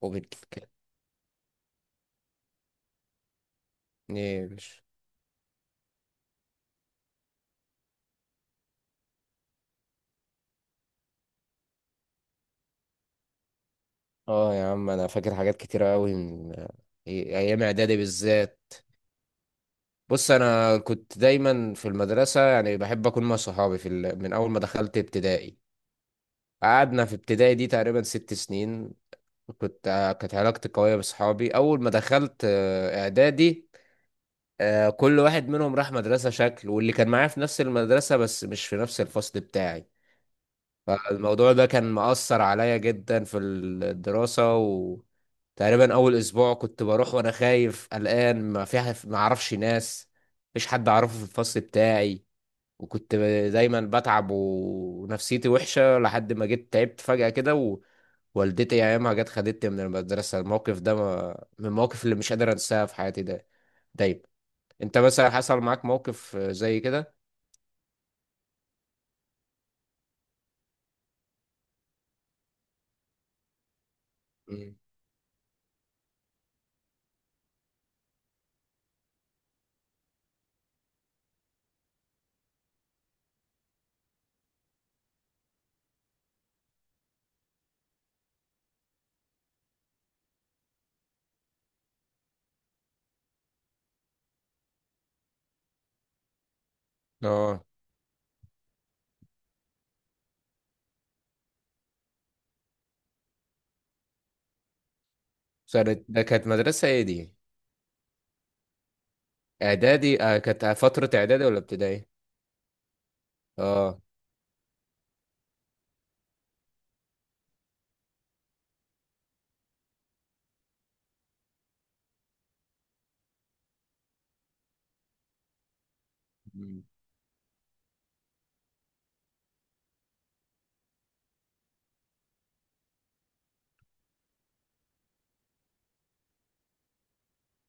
وبتكلمني يا باشا. اه يا عم انا فاكر حاجات كتيرة قوي من ايام اعدادي بالذات. بص، انا كنت دايما في المدرسة، يعني بحب اكون مع صحابي من اول ما دخلت ابتدائي. قعدنا في ابتدائي دي تقريبا 6 سنين. كانت علاقتي قوية بصحابي اول ما دخلت، اعدادي. كل واحد منهم راح مدرسة شكل، واللي كان معايا في نفس المدرسة بس مش في نفس الفصل بتاعي. فالموضوع ده كان مأثر عليا جدا في الدراسة، وتقريبا أول أسبوع كنت بروح وأنا خايف قلقان، ما فيها، ما أعرفش ناس، مفيش حد أعرفه في الفصل بتاعي. وكنت دايما بتعب ونفسيتي وحشة لحد ما جيت تعبت فجأة كده، ووالدتي أيامها جت خدتني من المدرسة. الموقف ده من المواقف اللي مش قادر أنساها في حياتي، ده دايما. أنت مثلا حصل معاك موقف زي كده؟ مم. اه. سنة ده كانت مدرسة ايه دي؟ اعدادي؟ آه، كانت فترة اعدادي ولا ابتدائي؟ اه. مم.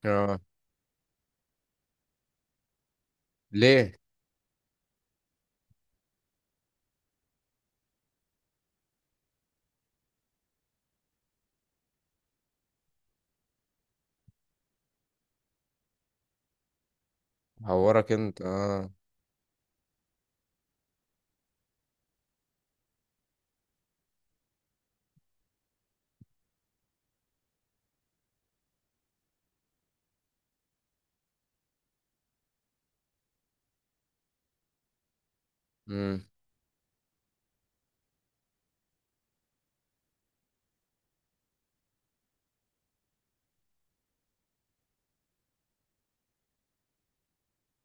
اه. ليه؟ هورك انت؟ اه. امم.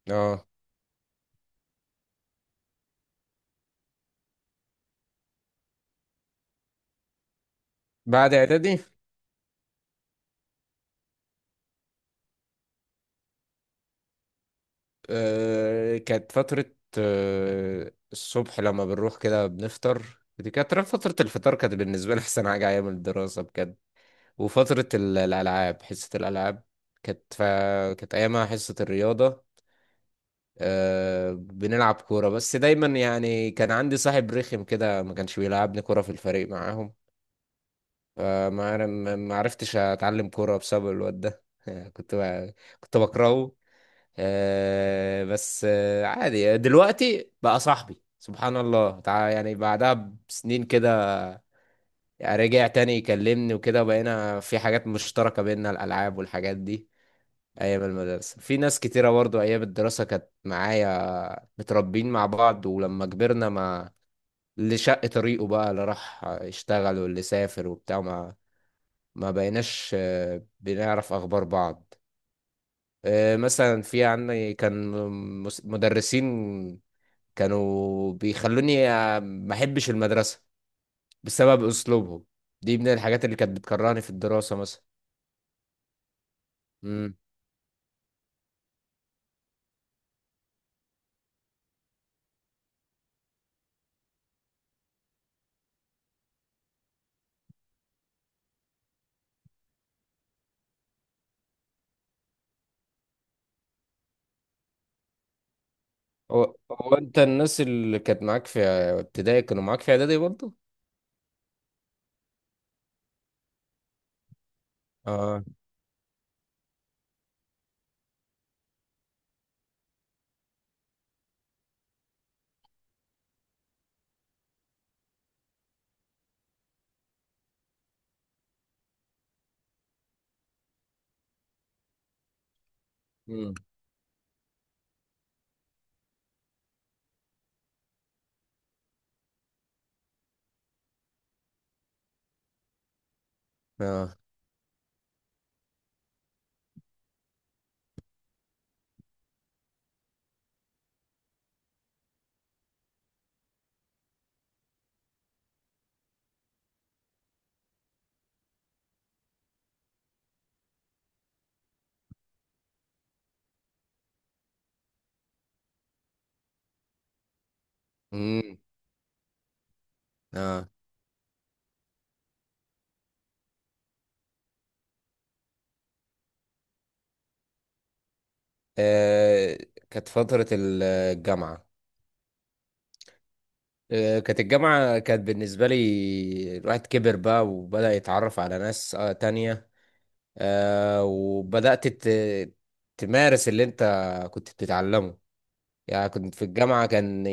اه. بعد اعدادي؟ كانت فترة. الصبح لما بنروح كده بنفطر، دي كانت فترة الفطار، كانت بالنسبة لي أحسن حاجة أيام الدراسة بجد. وفترة الألعاب، حصة الألعاب كانت ف... كانت أيامها حصة الرياضة. بنلعب كورة، بس دايما يعني كان عندي صاحب رخم كده ما كانش بيلعبني كورة في الفريق معاهم. ما عر- ما ما عرفتش اتعلم كوره بسبب الواد ده. كنت ب- كنت بكرهه. بس، عادي دلوقتي بقى صاحبي سبحان الله، يعني بعدها بسنين كده رجع تاني يكلمني وكده، وبقينا في حاجات مشتركة بيننا الألعاب والحاجات دي. أيام المدرسة في ناس كتيرة برضو، أيام الدراسة كانت معايا متربين مع بعض، ولما كبرنا، ما اللي شق طريقه بقى، اللي راح يشتغل واللي سافر وبتاع، ما بقيناش بنعرف اخبار بعض. مثلا في عندي كان مدرسين كانوا بيخلوني، ما احبش المدرسة بسبب اسلوبهم، دي من الحاجات اللي كانت بتكرهني في الدراسة مثلا. امم. هو انت، الناس اللي كانت معاك في ابتدائي كانوا معاك في اعدادي برضه؟ اه. امم. اه. امم. اه. آه، كانت فترة الجامعة. كانت الجامعة، كانت بالنسبة لي الواحد كبر بقى وبدأ يتعرف على ناس، تانية. وبدأت تمارس اللي انت كنت بتتعلمه. يعني كنت في الجامعة كان،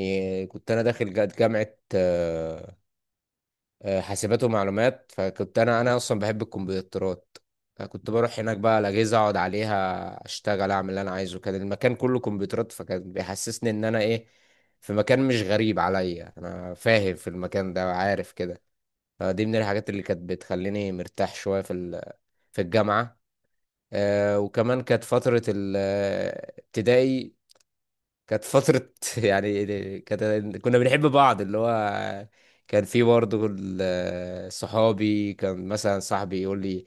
كنت أنا داخل جامعة، حاسبات ومعلومات. فكنت انا اصلا بحب الكمبيوترات، فكنت بروح هناك بقى على الاجهزه اقعد عليها اشتغل اعمل اللي انا عايزه، كان المكان كله كمبيوترات، فكان بيحسسني ان انا ايه، في مكان مش غريب عليا، انا فاهم في المكان ده وعارف كده. فدي من الحاجات اللي كانت بتخليني مرتاح شويه في الجامعه. وكمان كانت فتره الابتدائي، كانت فترة، يعني كانت بنحب بعض، اللي هو كان في برضه صحابي. كان مثلا صاحبي يقول لي،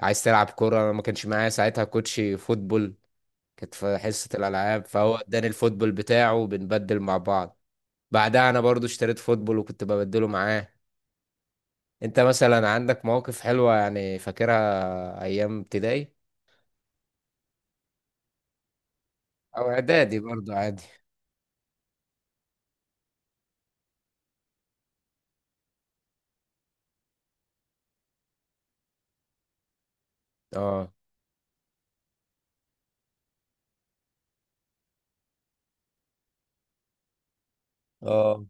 عايز تلعب كورة؟ أنا ما كانش معايا ساعتها كوتش فوتبول، كانت في حصة الألعاب، فهو اداني الفوتبول بتاعه وبنبدل مع بعض. بعدها أنا برضه اشتريت فوتبول وكنت ببدله معاه. أنت مثلا عندك مواقف حلوة يعني فاكرها أيام ابتدائي أو إعدادي برضه عادي؟ اه. اه.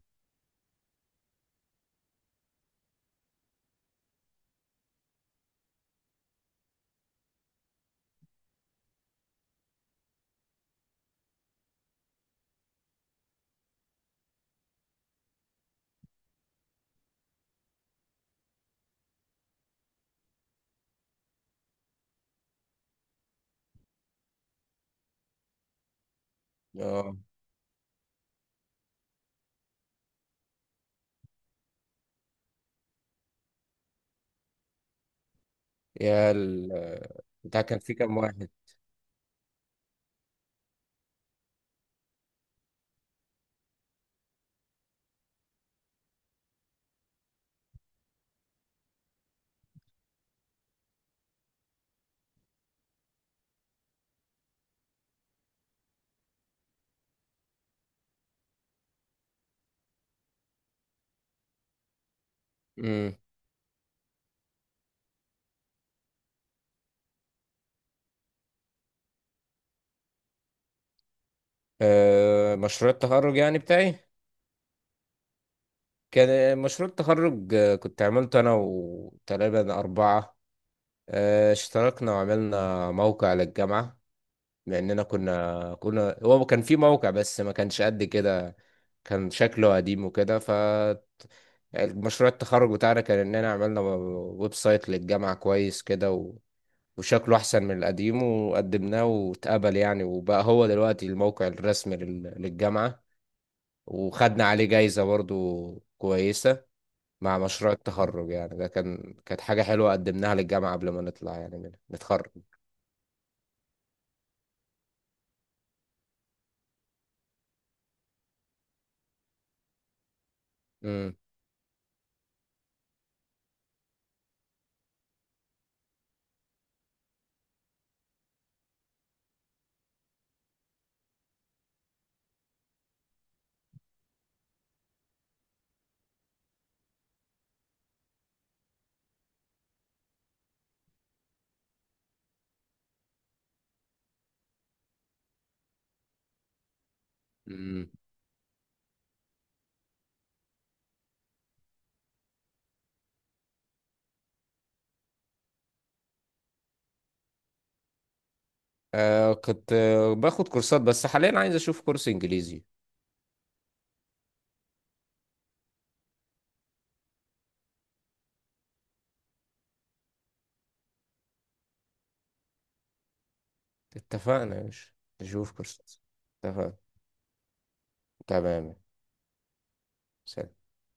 اه يا ال بتاع، كان في كام واحد؟ امم. آه، مشروع التخرج يعني بتاعي، كان مشروع التخرج، كنت عملته انا وتقريبا اربعة. آه، اشتركنا وعملنا موقع للجامعة. لاننا كنا، هو كان في موقع بس ما كانش قد كده، كان شكله قديم وكده. مشروع التخرج بتاعنا كان اننا عملنا ويب سايت للجامعة كويس كده و... وشكله احسن من القديم، وقدمناه واتقبل يعني، وبقى هو دلوقتي الموقع الرسمي للجامعة. وخدنا عليه جايزة برضو كويسة مع مشروع التخرج، يعني ده كان، كانت حاجة حلوة قدمناها للجامعة قبل ما نطلع يعني منها نتخرج. امم. امم. آه كنت باخد كورسات، بس حاليا عايز اشوف كورس انجليزي. اتفقنا يا باشا. نشوف كورسات. اتفقنا. تمام. سلام.